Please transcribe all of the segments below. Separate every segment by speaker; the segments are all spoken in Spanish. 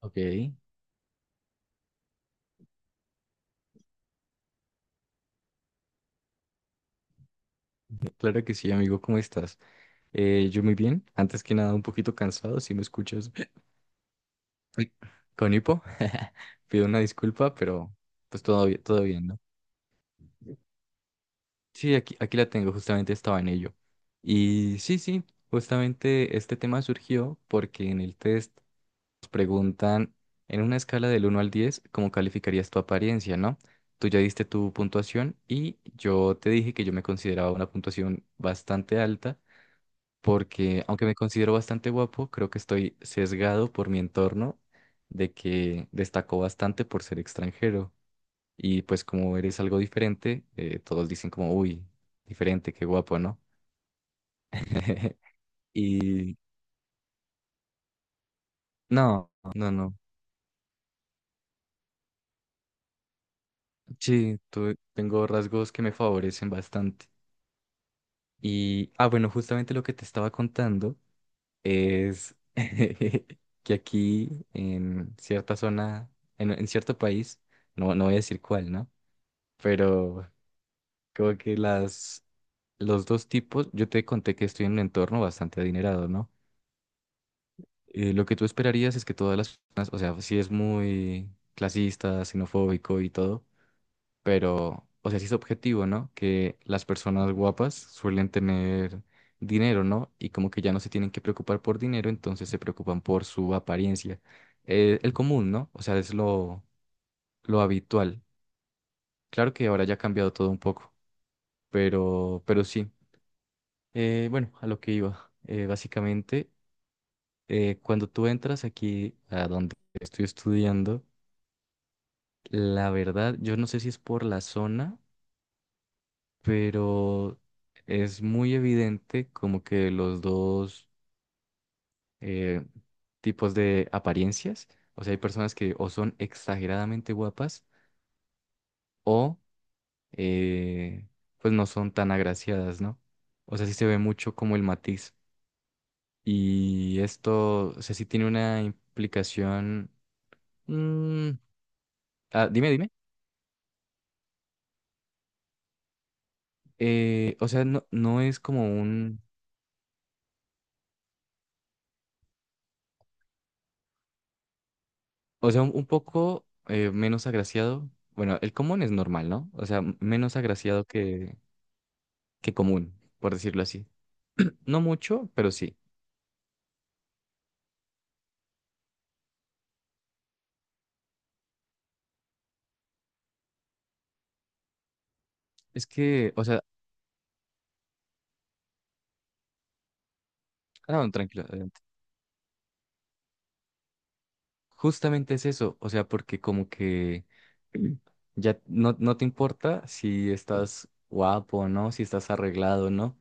Speaker 1: Ok, claro que sí, amigo, ¿cómo estás? Yo muy bien, antes que nada un poquito cansado, si me escuchas uy, con hipo, pido una disculpa, pero pues todo, todo bien, ¿no? Sí, aquí la tengo, justamente estaba en ello. Y sí, sí, justamente este tema surgió porque en el test nos preguntan en una escala del 1 al 10 cómo calificarías tu apariencia, ¿no? Tú ya diste tu puntuación y yo te dije que yo me consideraba una puntuación bastante alta porque aunque me considero bastante guapo, creo que estoy sesgado por mi entorno de que destacó bastante por ser extranjero. Y pues como eres algo diferente, todos dicen como, uy, diferente, qué guapo, ¿no? Y no, no, no. Sí, tengo rasgos que me favorecen bastante. Y, ah, bueno, justamente lo que te estaba contando es que aquí en cierta zona, en cierto país, no, no voy a decir cuál, ¿no? Pero como que los dos tipos, yo te conté que estoy en un entorno bastante adinerado, ¿no? Lo que tú esperarías es que todas las personas, o sea, sí es muy clasista, xenofóbico y todo, pero, o sea, sí es objetivo, ¿no? Que las personas guapas suelen tener dinero, ¿no? Y como que ya no se tienen que preocupar por dinero, entonces se preocupan por su apariencia. El común, ¿no? O sea, es lo habitual. Claro que ahora ya ha cambiado todo un poco, pero, sí. Bueno, a lo que iba. Básicamente, cuando tú entras aquí a donde estoy estudiando, la verdad, yo no sé si es por la zona, pero es muy evidente como que los dos eh, tipos de apariencias, o sea, hay personas que o son exageradamente guapas o eh, pues no son tan agraciadas, ¿no? O sea, sí se ve mucho como el matiz. Y esto, o sea, sí tiene una implicación Mm, Dime, dime. O sea, no, no es como un, o sea, un poco menos agraciado. Bueno, el común es normal, ¿no? O sea, menos agraciado que común, por decirlo así. No mucho, pero sí. Es que, o sea, no, tranquilo, adelante. Justamente es eso, o sea, porque como que mm, ya no te importa si estás guapo o no, si estás arreglado o no.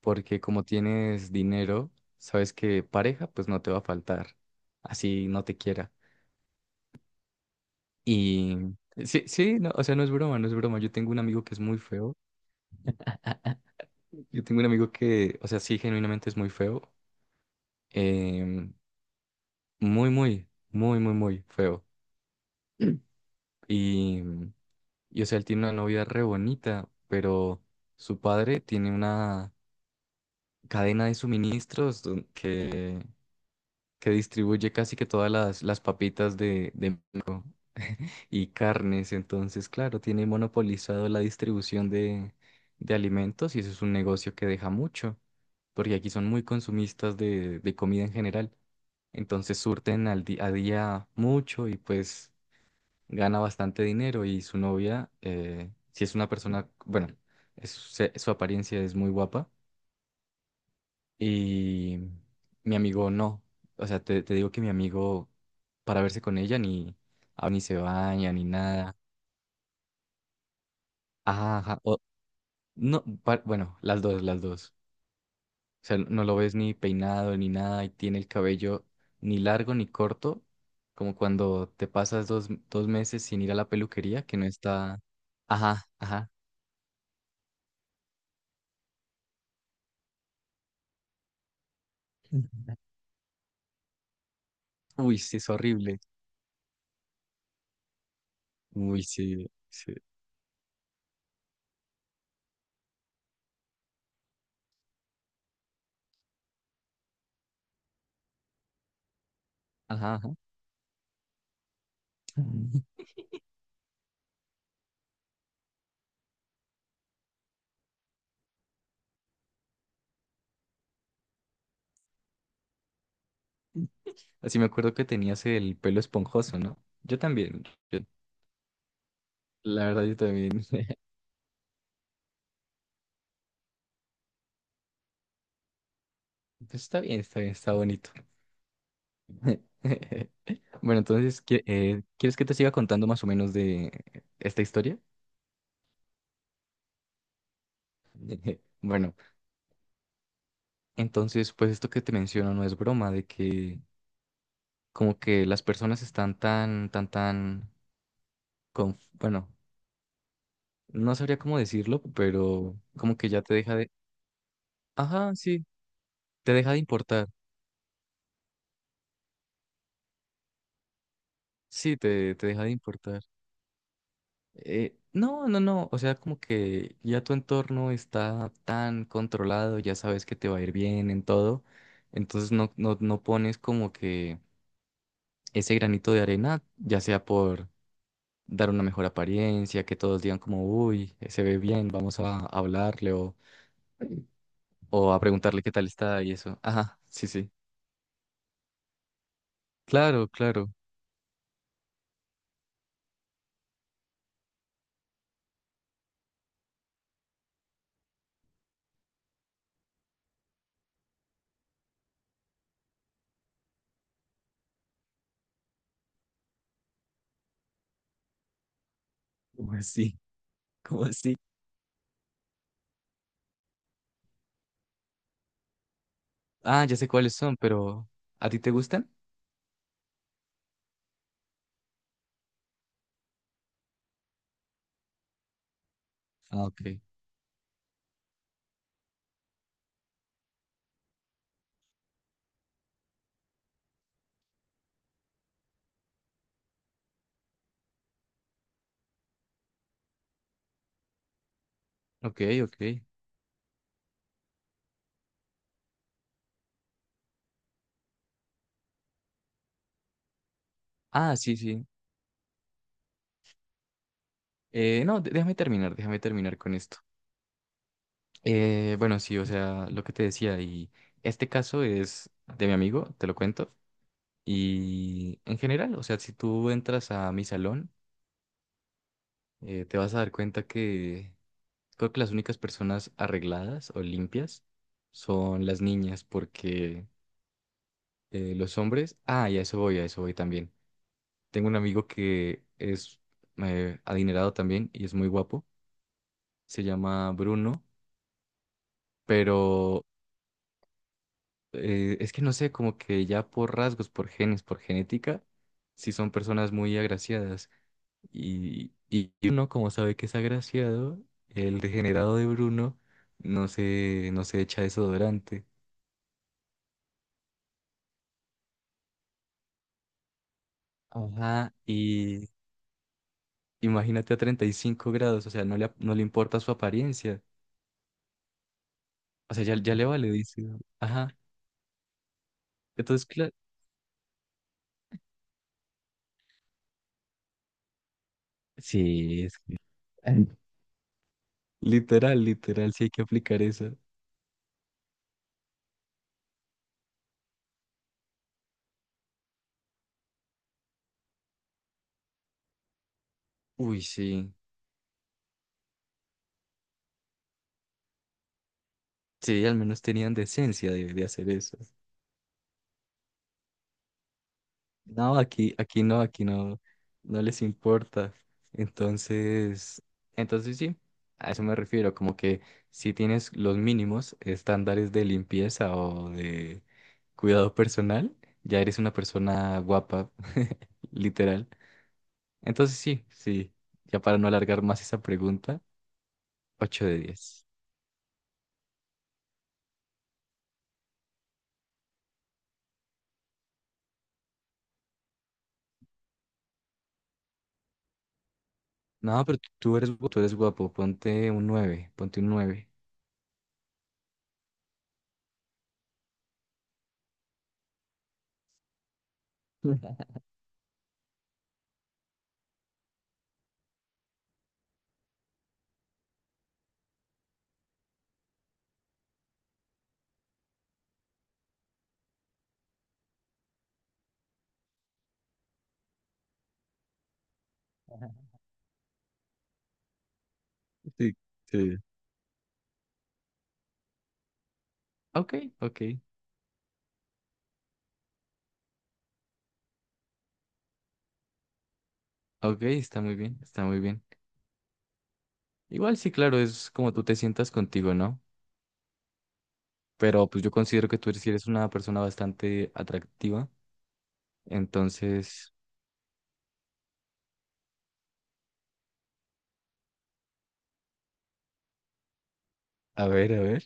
Speaker 1: Porque como tienes dinero, sabes que pareja pues no te va a faltar, así no te quiera. Y sí, sí, no, o sea, no es broma, no es broma. Yo tengo un amigo que es muy feo. Yo tengo un amigo que, o sea, sí, genuinamente es muy feo. em, Muy, muy, muy, muy, muy feo. Mm. Y, o sea, él tiene una novia re bonita, pero su padre tiene una cadena de suministros que distribuye casi que todas las papitas de México. Y carnes. Entonces, claro, tiene monopolizado la distribución de alimentos y eso es un negocio que deja mucho, porque aquí son muy consumistas de comida en general. Entonces surten al día a día mucho y pues gana bastante dinero y su novia, si es una persona, bueno, su apariencia es muy guapa y mi amigo no. O sea, te digo que mi amigo para verse con ella ni, ni se baña ni nada. Ajá, ajá. No, bueno, las dos, las dos. O sea, no lo ves ni peinado ni nada y tiene el cabello ni largo ni corto, como cuando te pasas dos meses sin ir a la peluquería, que no está. Ajá, ajá. Uy, sí, es horrible. Uy, sí, sí. Ajá, ajá. Así me acuerdo que tenías el pelo esponjoso, ¿no? Yo también. yo- la verdad, yo también. Pues está bien, está bien, está bonito. Bueno, entonces, ¿quieres que te siga contando más o menos de esta historia? Bueno, entonces, pues esto que te menciono no es broma, de que como que las personas están tan, tan, tan, con, bueno, no sabría cómo decirlo, pero como que ya ajá, sí, te deja de importar, sí, te deja de importar. No, no, no, o sea, como que ya tu entorno está tan controlado, ya sabes que te va a ir bien en todo, entonces no, no, no pones como que ese granito de arena, ya sea por dar una mejor apariencia, que todos digan como, uy, se ve bien, vamos a hablarle o a preguntarle qué tal está y eso. Ajá, sí, sí. Claro, claro. ¿Cómo así? ¿Cómo así? Ah, ya sé cuáles son, pero ¿a ti te gustan? Ah, ok. Ok, ok. Ah, sí, sí. No, déjame terminar con esto. Bueno, sí, o sea, lo que te decía, y este caso es de mi amigo, te lo cuento. Y en general, o sea, si tú entras a mi salón, te vas a dar cuenta que creo que las únicas personas arregladas o limpias son las niñas, porque los hombres, y a eso voy también. Tengo un amigo que es adinerado también y es muy guapo, se llama Bruno, pero es que no sé, como que ya por rasgos, por genes, por genética, sí son personas muy agraciadas. Y uno, como sabe que es agraciado, el degenerado de Bruno no se echa desodorante. Ajá, y imagínate a 35 grados, o sea, no le importa su apariencia. O sea, ya, ya le vale, dice. Ajá. Entonces, claro. Sí, literal, literal, sí hay que aplicar eso. Uy, sí. Sí, al menos tenían decencia de hacer eso. No, aquí no, aquí no, no les importa. Entonces, sí, a eso me refiero, como que si tienes los mínimos estándares de limpieza o de cuidado personal, ya eres una persona guapa, literal. Entonces sí, sí, ya para no alargar más esa pregunta, 8 de 10. No, pero tú eres, tú eres guapo, ponte un 9, ponte un 9. Sí, sí. Ok, ok, ok, está muy bien, está muy bien. Igual sí, claro, es como tú te sientas contigo, ¿no? Pero pues yo considero que sí eres una persona bastante atractiva. Entonces, a ver, a ver.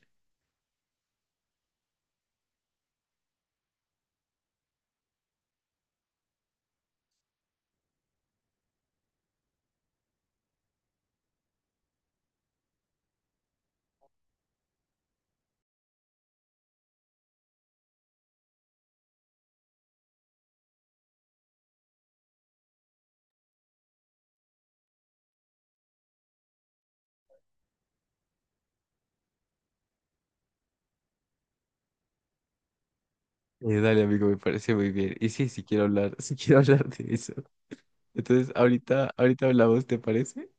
Speaker 1: Dale, amigo, me parece muy bien. Y sí, sí quiero hablar, sí quiero hablar de eso. Entonces, ahorita, ahorita hablamos, ¿te parece?